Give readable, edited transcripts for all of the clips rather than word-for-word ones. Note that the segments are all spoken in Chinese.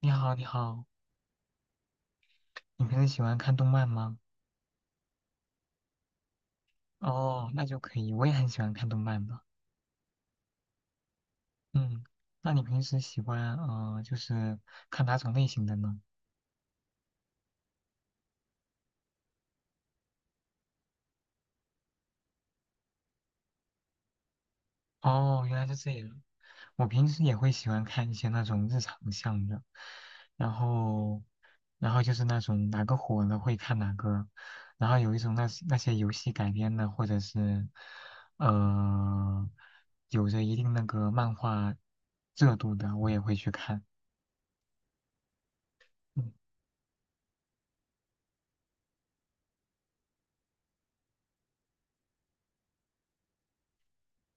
你好，你好，你平时喜欢看动漫吗？哦，那就可以，我也很喜欢看动漫的。嗯。那你平时喜欢就是看哪种类型的呢？哦，原来是这样。我平时也会喜欢看一些那种日常向的，然后，然后就是那种哪个火了会看哪个，然后有一种那些游戏改编的，或者是呃，有着一定那个漫画热度的，我也会去看。嗯。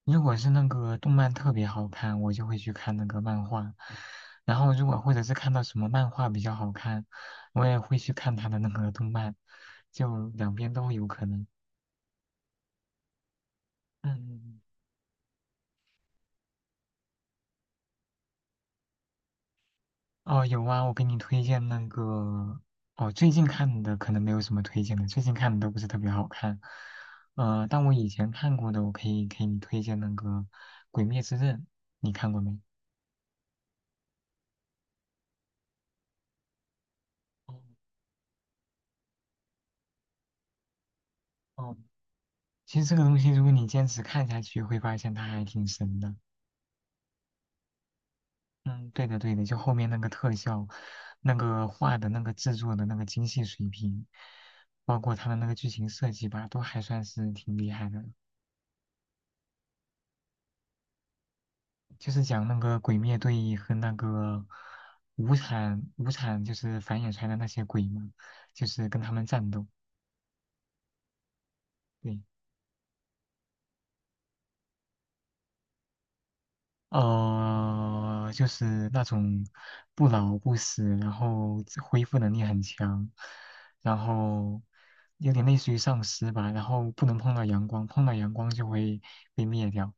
如果是那个动漫特别好看，我就会去看那个漫画。然后如果或者是看到什么漫画比较好看，我也会去看他的那个动漫，就两边都有可能。嗯。哦，有啊，我给你推荐那个。哦，最近看的可能没有什么推荐的，最近看的都不是特别好看。但我以前看过的，我可以给你推荐那个《鬼灭之刃》，你看过没？哦。哦，其实这个东西，如果你坚持看下去，会发现它还挺神的。嗯，对的对的，就后面那个特效，那个画的那个制作的那个精细水平，包括他的那个剧情设计吧，都还算是挺厉害的。就是讲那个鬼灭队和那个无惨，就是繁衍出来的那些鬼嘛，就是跟他们战斗。对，就是那种不老不死，然后自恢复能力很强，然后有点类似于丧尸吧，然后不能碰到阳光，碰到阳光就会被灭掉，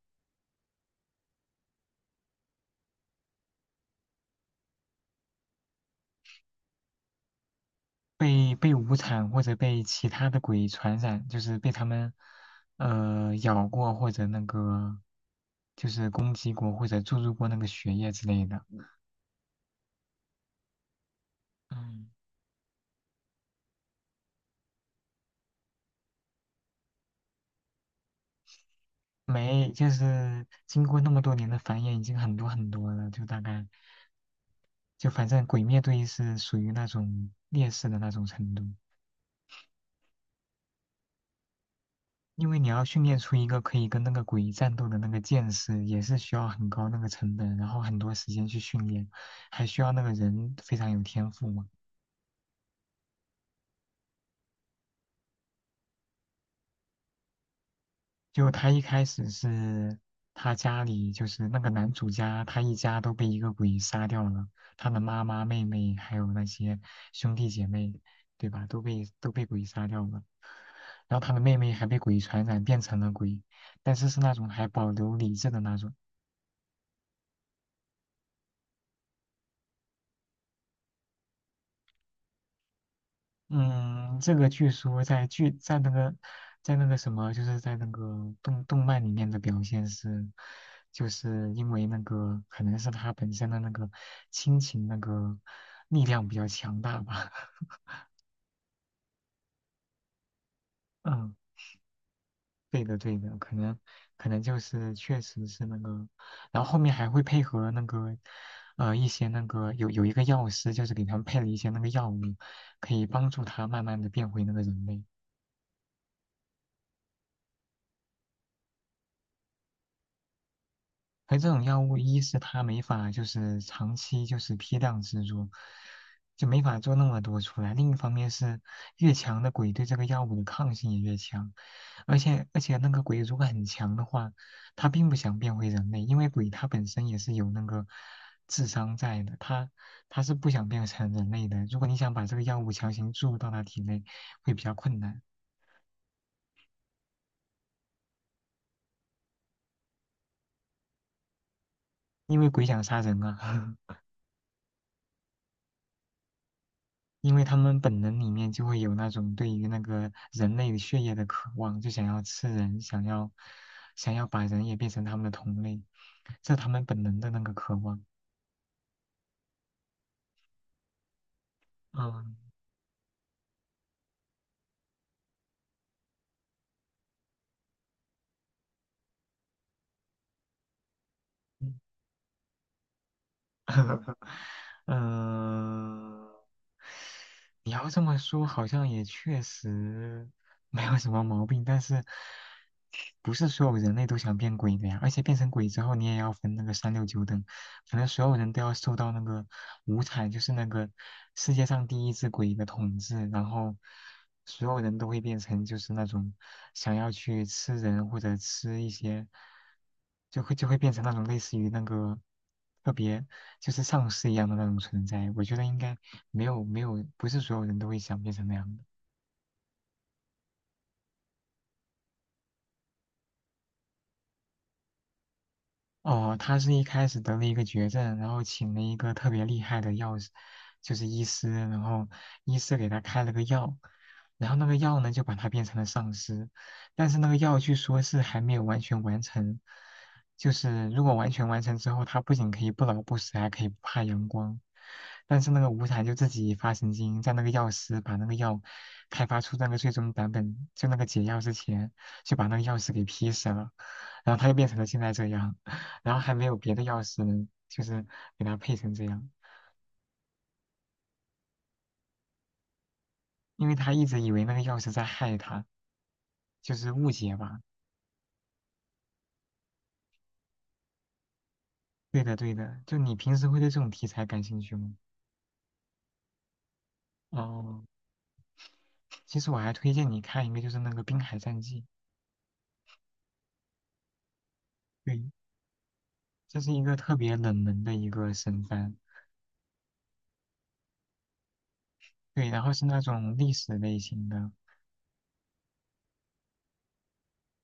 被无惨或者被其他的鬼传染，就是被他们咬过或者那个就是攻击过或者注入过那个血液之类的。嗯，没，就是经过那么多年的繁衍，已经很多很多了，就大概。就反正鬼灭队是属于那种劣势的那种程度，因为你要训练出一个可以跟那个鬼战斗的那个剑士，也是需要很高那个成本，然后很多时间去训练，还需要那个人非常有天赋嘛。就他一开始是他家里就是那个男主家，他一家都被一个鬼杀掉了，他的妈妈、妹妹还有那些兄弟姐妹，对吧？都被都被鬼杀掉了。然后他的妹妹还被鬼传染变成了鬼，但是是那种还保留理智的那种。嗯，这个据说在剧在那个在那个什么，就是在那个动漫里面的表现是，就是因为那个可能是他本身的那个亲情那个力量比较强大吧，嗯。对的，对的，可能就是确实是那个，然后后面还会配合那个，一些那个有一个药师，就是给他们配了一些那个药物，可以帮助他慢慢的变回那个人类。而这种药物，一是它没法就是长期就是批量制作，就没法做那么多出来。另一方面是，越强的鬼对这个药物的抗性也越强，而且那个鬼如果很强的话，他并不想变回人类，因为鬼它本身也是有那个智商在的，他是不想变成人类的。如果你想把这个药物强行注入到他体内，会比较困难，因为鬼想杀人啊。因为他们本能里面就会有那种对于那个人类的血液的渴望，就想要吃人，想要把人也变成他们的同类，这他们本能的那个渴望。嗯。嗯，你要这么说，好像也确实没有什么毛病，但是不是所有人类都想变鬼的呀？而且变成鬼之后，你也要分那个三六九等，可能所有人都要受到那个五彩，就是那个世界上第一只鬼的统治，然后所有人都会变成就是那种想要去吃人或者吃一些，就会变成那种类似于那个特别就是丧尸一样的那种存在。我觉得应该没有没有，不是所有人都会想变成那样的。哦，他是一开始得了一个绝症，然后请了一个特别厉害的药师，就是医师，然后医师给他开了个药，然后那个药呢就把他变成了丧尸，但是那个药据说是还没有完全完成，就是如果完全完成之后，他不仅可以不老不死，还可以不怕阳光，但是那个无惨就自己发神经，在那个药师把那个药开发出那个最终版本，就那个解药之前，就把那个药师给劈死了，然后他就变成了现在这样。然后还没有别的钥匙能，就是给他配成这样，因为他一直以为那个钥匙在害他，就是误解吧。对的，对的，就你平时会对这种题材感兴趣吗？哦，其实我还推荐你看一个，就是那个《滨海战记》，对，这是一个特别冷门的一个神番，对，然后是那种历史类型的，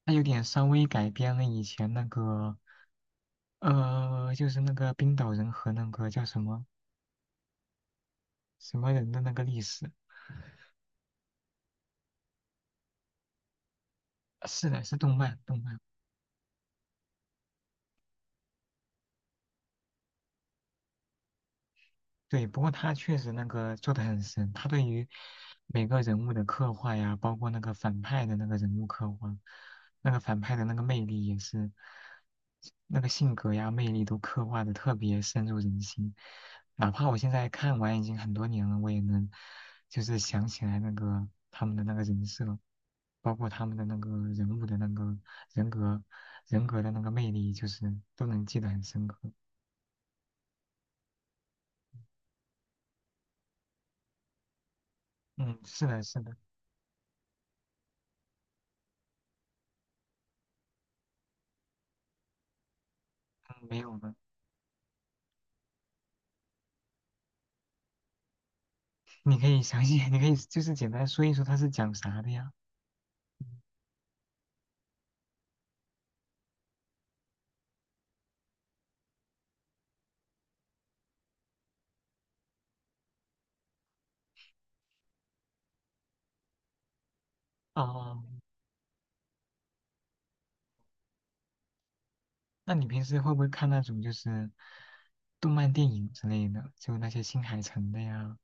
它有点稍微改编了以前那个，就是那个冰岛人和那个叫什么什么人的那个历史，是的，是动漫，动漫。对，不过他确实那个做的很深，他对于每个人物的刻画呀，包括那个反派的那个人物刻画，那个反派的那个魅力也是，那个性格呀、魅力都刻画的特别深入人心。哪怕我现在看完已经很多年了，我也能就是想起来那个他们的那个人设，包括他们的那个人物的那个人格、人格的那个魅力，就是都能记得很深刻。嗯，是的，是的。嗯，没有了。你可以详细，你可以就是简单说一说它是讲啥的呀？哦，那你平时会不会看那种就是动漫电影之类的，就那些新海诚的呀，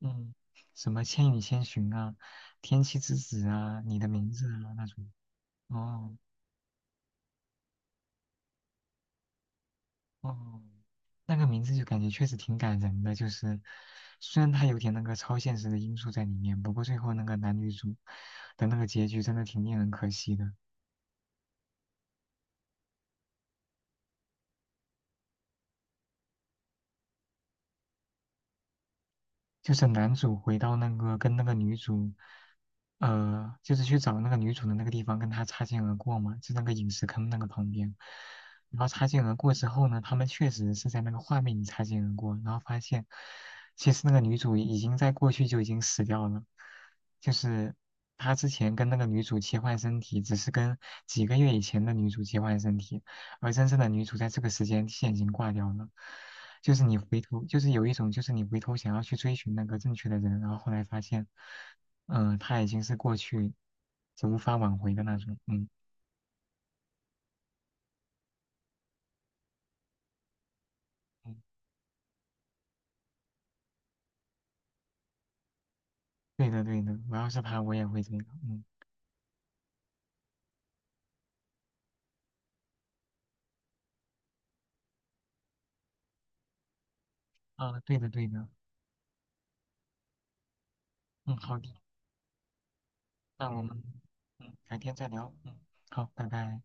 嗯，什么《千与千寻》啊，《天气之子》啊，《你的名字》啊那种？哦。哦，那个名字就感觉确实挺感人的，就是虽然它有点那个超现实的因素在里面，不过最后那个男女主的那个结局真的挺令人可惜的。就是男主回到那个跟那个女主，就是去找那个女主的那个地方，跟她擦肩而过嘛，就那个陨石坑那个旁边。然后擦肩而过之后呢，他们确实是在那个画面里擦肩而过，然后发现其实那个女主已经在过去就已经死掉了，就是他之前跟那个女主切换身体，只是跟几个月以前的女主切换身体，而真正的女主在这个时间线已经挂掉了。就是你回头，就是有一种，就是你回头想要去追寻那个正确的人，然后后来发现，嗯，他已经是过去，就无法挽回的那种。嗯。嗯，对的对的，我要是他，我也会这样。嗯。啊，对的对的。嗯，好的，那我们嗯改天再聊。嗯，好，拜拜。